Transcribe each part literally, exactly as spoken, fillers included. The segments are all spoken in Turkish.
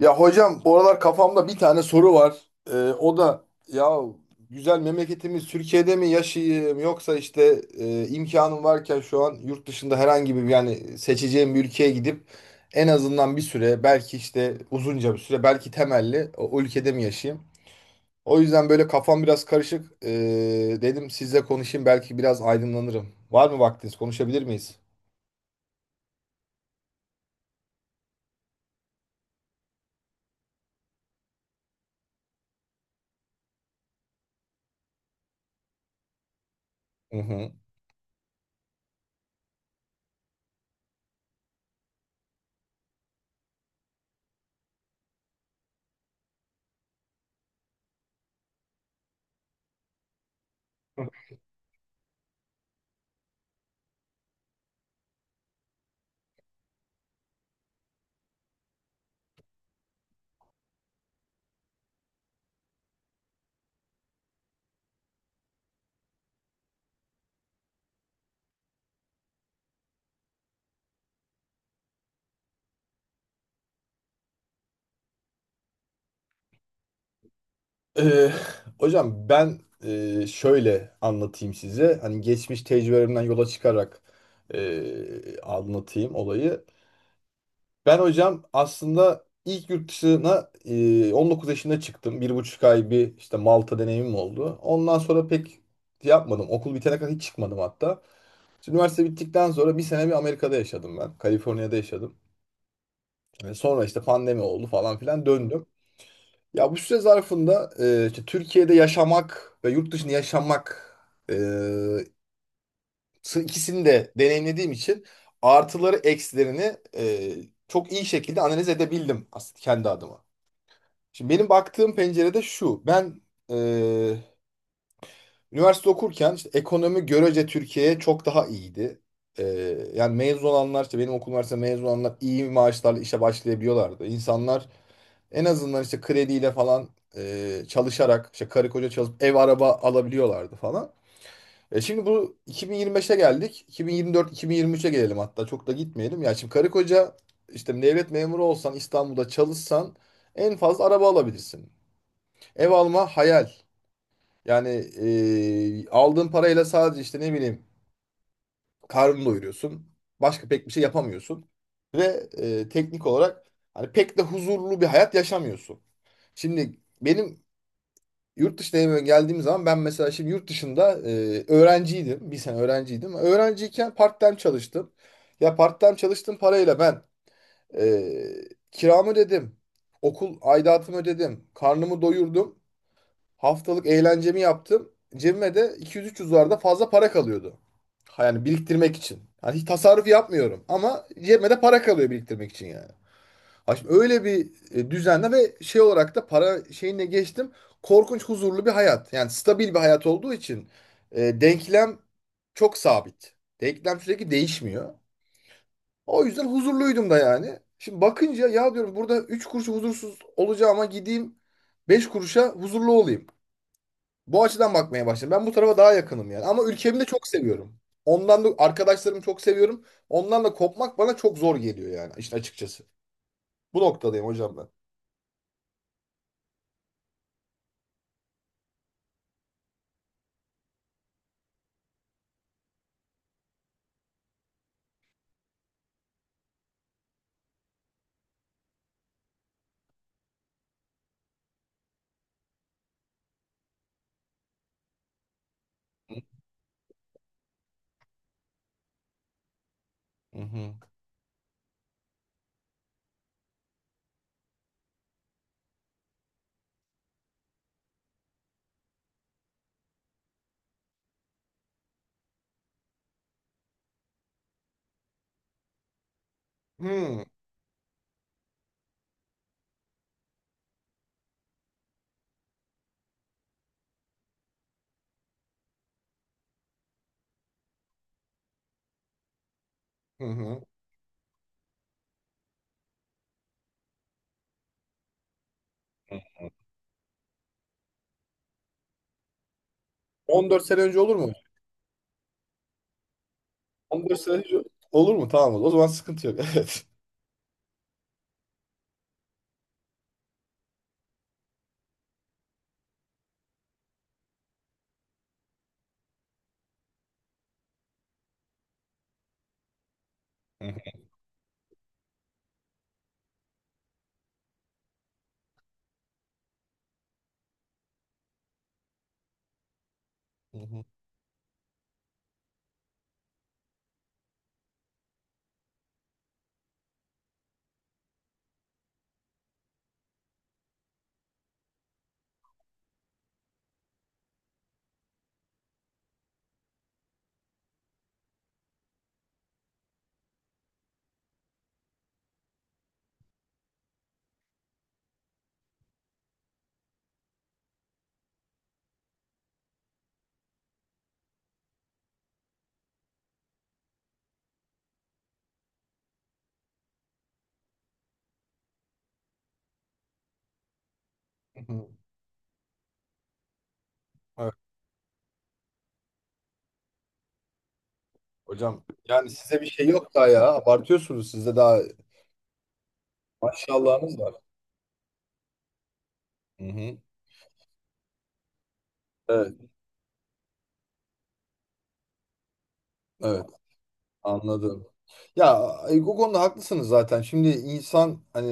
Ya hocam bu aralar kafamda bir tane soru var. Ee, o da ya güzel memleketimiz Türkiye'de mi yaşayayım yoksa işte e, imkanım varken şu an yurt dışında herhangi bir yani seçeceğim bir ülkeye gidip en azından bir süre belki işte uzunca bir süre belki temelli o, o ülkede mi yaşayayım? O yüzden böyle kafam biraz karışık. Ee, dedim sizle konuşayım belki biraz aydınlanırım. Var mı vaktiniz? Konuşabilir miyiz? Hı hı. Ee, hocam ben e, şöyle anlatayım size. Hani geçmiş tecrübelerimden yola çıkarak e, anlatayım olayı. Ben hocam aslında ilk yurt dışına e, on dokuz yaşında çıktım. Bir buçuk ay bir işte Malta deneyimim oldu. Ondan sonra pek yapmadım. Okul bitene kadar hiç çıkmadım hatta. İşte üniversite bittikten sonra bir sene bir Amerika'da yaşadım ben. Kaliforniya'da yaşadım. E, sonra işte pandemi oldu falan filan döndüm. Ya bu süre zarfında e, işte Türkiye'de yaşamak ve yurt dışında yaşamak e, sı- ikisini de deneyimlediğim için artıları eksilerini e, çok iyi şekilde analiz edebildim aslında kendi adıma. Şimdi benim baktığım pencerede şu. Ben e, üniversite okurken işte ekonomi görece Türkiye'ye çok daha iyiydi. E, yani mezun olanlar işte benim okul üniversite mezun olanlar iyi maaşlarla işe başlayabiliyorlardı. İnsanlar en azından işte krediyle falan e, çalışarak işte karı koca çalışıp ev araba alabiliyorlardı falan. E şimdi bu iki bin yirmi beşe geldik. iki bin yirmi dört iki bin yirmi üçe gelelim hatta çok da gitmeyelim. Ya şimdi karı koca işte devlet memuru olsan İstanbul'da çalışsan en fazla araba alabilirsin. Ev alma hayal. Yani e, aldığın parayla sadece işte ne bileyim karnını doyuruyorsun. Başka pek bir şey yapamıyorsun. Ve e, teknik olarak hani pek de huzurlu bir hayat yaşamıyorsun. Şimdi benim yurt dışına hemen geldiğim zaman ben mesela şimdi yurt dışında e, öğrenciydim. Bir sene öğrenciydim. Öğrenciyken part-time çalıştım. Ya part-time çalıştığım parayla ben e, kiramı ödedim. Okul aidatımı ödedim. Karnımı doyurdum. Haftalık eğlencemi yaptım. Cebime de iki yüz üç yüz dolardan dolarda fazla para kalıyordu. Ha, yani biriktirmek için. Yani hiç tasarruf yapmıyorum ama cebime de para kalıyor biriktirmek için yani. Ay şimdi öyle bir e, düzenle ve şey olarak da para şeyine geçtim. Korkunç huzurlu bir hayat. Yani stabil bir hayat olduğu için e, denklem çok sabit. Denklem sürekli değişmiyor. O yüzden huzurluydum da yani. Şimdi bakınca ya diyorum burada üç kuruş huzursuz olacağıma gideyim beş kuruşa huzurlu olayım. Bu açıdan bakmaya başladım. Ben bu tarafa daha yakınım yani. Ama ülkemi de çok seviyorum. Ondan da arkadaşlarımı çok seviyorum. Ondan da kopmak bana çok zor geliyor yani işte açıkçası. Bu noktadayım hocam ben. Hı hı. Hmm. Hı hı. on dört sene önce olur mu? on dört sene önce olur mu? Tamam o zaman sıkıntı yok. Evet. Hı hı, hı hı. Evet, hocam yani size bir şey yok daha ya. Abartıyorsunuz. Sizde daha maşallahınız var. Hı hı. Evet. Evet. Anladım. Ya e, bu konuda haklısınız zaten. Şimdi insan hani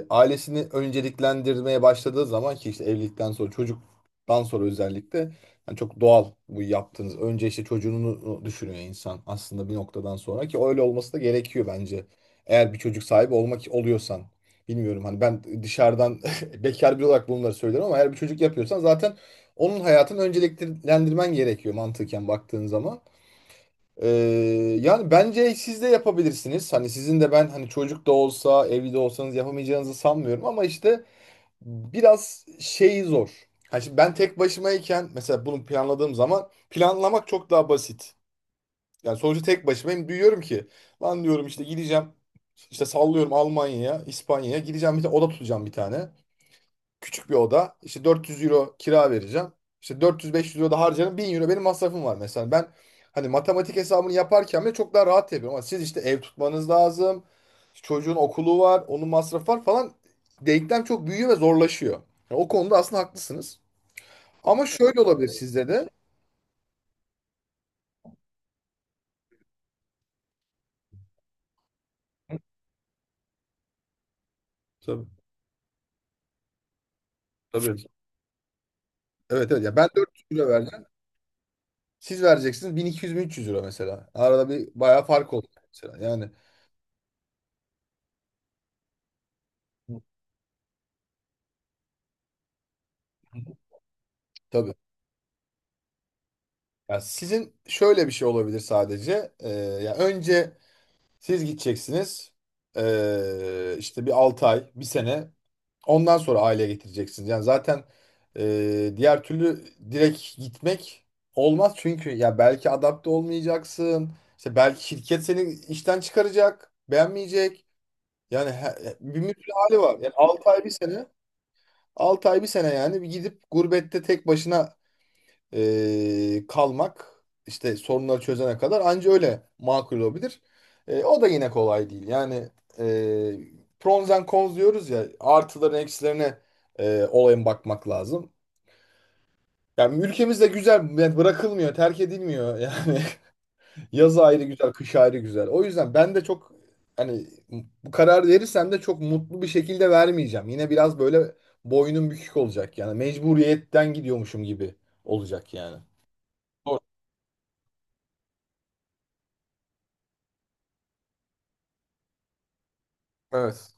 e, ailesini önceliklendirmeye başladığı zaman ki işte evlilikten sonra çocuktan sonra özellikle yani çok doğal bu yaptığınız. Önce işte çocuğunu düşünüyor insan aslında bir noktadan sonra ki öyle olması da gerekiyor bence. Eğer bir çocuk sahibi olmak oluyorsan. Bilmiyorum hani ben dışarıdan bekar biri olarak bunları söylüyorum ama eğer bir çocuk yapıyorsan zaten onun hayatını önceliklendirmen gerekiyor mantıken baktığın zaman. Ee, yani bence siz de yapabilirsiniz. Hani sizin de ben hani çocuk da olsa, evli de olsanız yapamayacağınızı sanmıyorum ama işte biraz şey zor. Hani şimdi ben tek başımayken mesela bunu planladığım zaman planlamak çok daha basit. Yani sonuçta tek başımayım. Duyuyorum ki lan diyorum işte gideceğim işte sallıyorum Almanya'ya, İspanya'ya gideceğim bir de oda tutacağım bir tane. Küçük bir oda. İşte dört yüz euro kira vereceğim. İşte dört yüz-beş yüz euro da harcarım. Bin euro benim masrafım var mesela. Ben hani matematik hesabını yaparken bile çok daha rahat yapıyorum. Ama siz işte ev tutmanız lazım. Çocuğun okulu var. Onun masrafı var falan. Denklem çok büyüyor ve zorlaşıyor. Yani o konuda aslında haklısınız. Ama şöyle olabilir sizde de. Tabii. Tabii. Evet evet. Ya ben dört yüz euro vereceğim. Siz vereceksiniz bin iki yüz-bin üç yüz euro mesela. Arada bir bayağı fark oldu mesela. Yani tabii. Ya sizin şöyle bir şey olabilir sadece. Ee, ya önce siz gideceksiniz. Ee, işte bir altı ay, bir sene. Ondan sonra aile getireceksiniz. Yani zaten e, diğer türlü direkt gitmek olmaz. Çünkü ya belki adapte olmayacaksın. İşte belki şirket seni işten çıkaracak, beğenmeyecek. Yani he- e, bir müdür hali var. Yani altı ay bir sene. altı ay bir sene yani bir gidip gurbette tek başına e, kalmak işte sorunları çözene kadar anca öyle makul olabilir. E, o da yine kolay değil. Yani e, pros and cons diyoruz ya artıların eksilerine e, olayın bakmak lazım. Yani ülkemiz de güzel yani bırakılmıyor, terk edilmiyor. Yani yaz ayrı güzel, kış ayrı güzel. O yüzden ben de çok hani bu karar verirsem de çok mutlu bir şekilde vermeyeceğim. Yine biraz böyle boynum bükük olacak yani mecburiyetten gidiyormuşum gibi olacak yani. Doğru. Evet.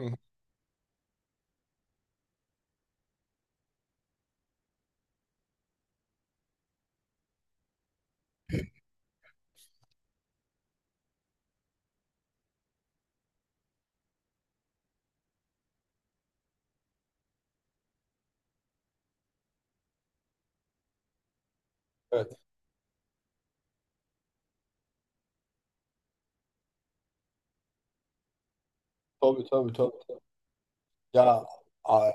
Hı. Evet. Tabii tabii tabii. Ya a-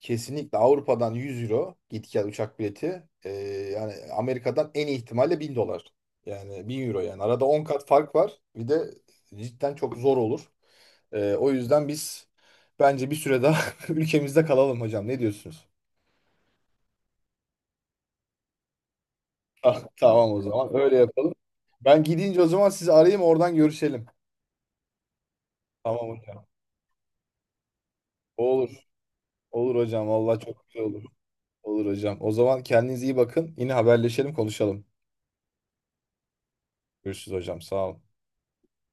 kesinlikle Avrupa'dan yüz euro git gel uçak bileti. Ee, yani Amerika'dan en iyi ihtimalle bin dolar. Yani bin euro yani. Arada on kat fark var. Bir de cidden çok zor olur. Ee, o yüzden biz bence bir süre daha ülkemizde kalalım hocam. Ne diyorsunuz? Ah, tamam o zaman öyle yapalım. Ben gidince o zaman sizi arayayım oradan görüşelim. Tamam hocam. Olur. Olur hocam. Vallahi çok güzel olur. Olur hocam. O zaman kendinize iyi bakın. Yine haberleşelim, konuşalım. Görüşürüz hocam. Sağ ol.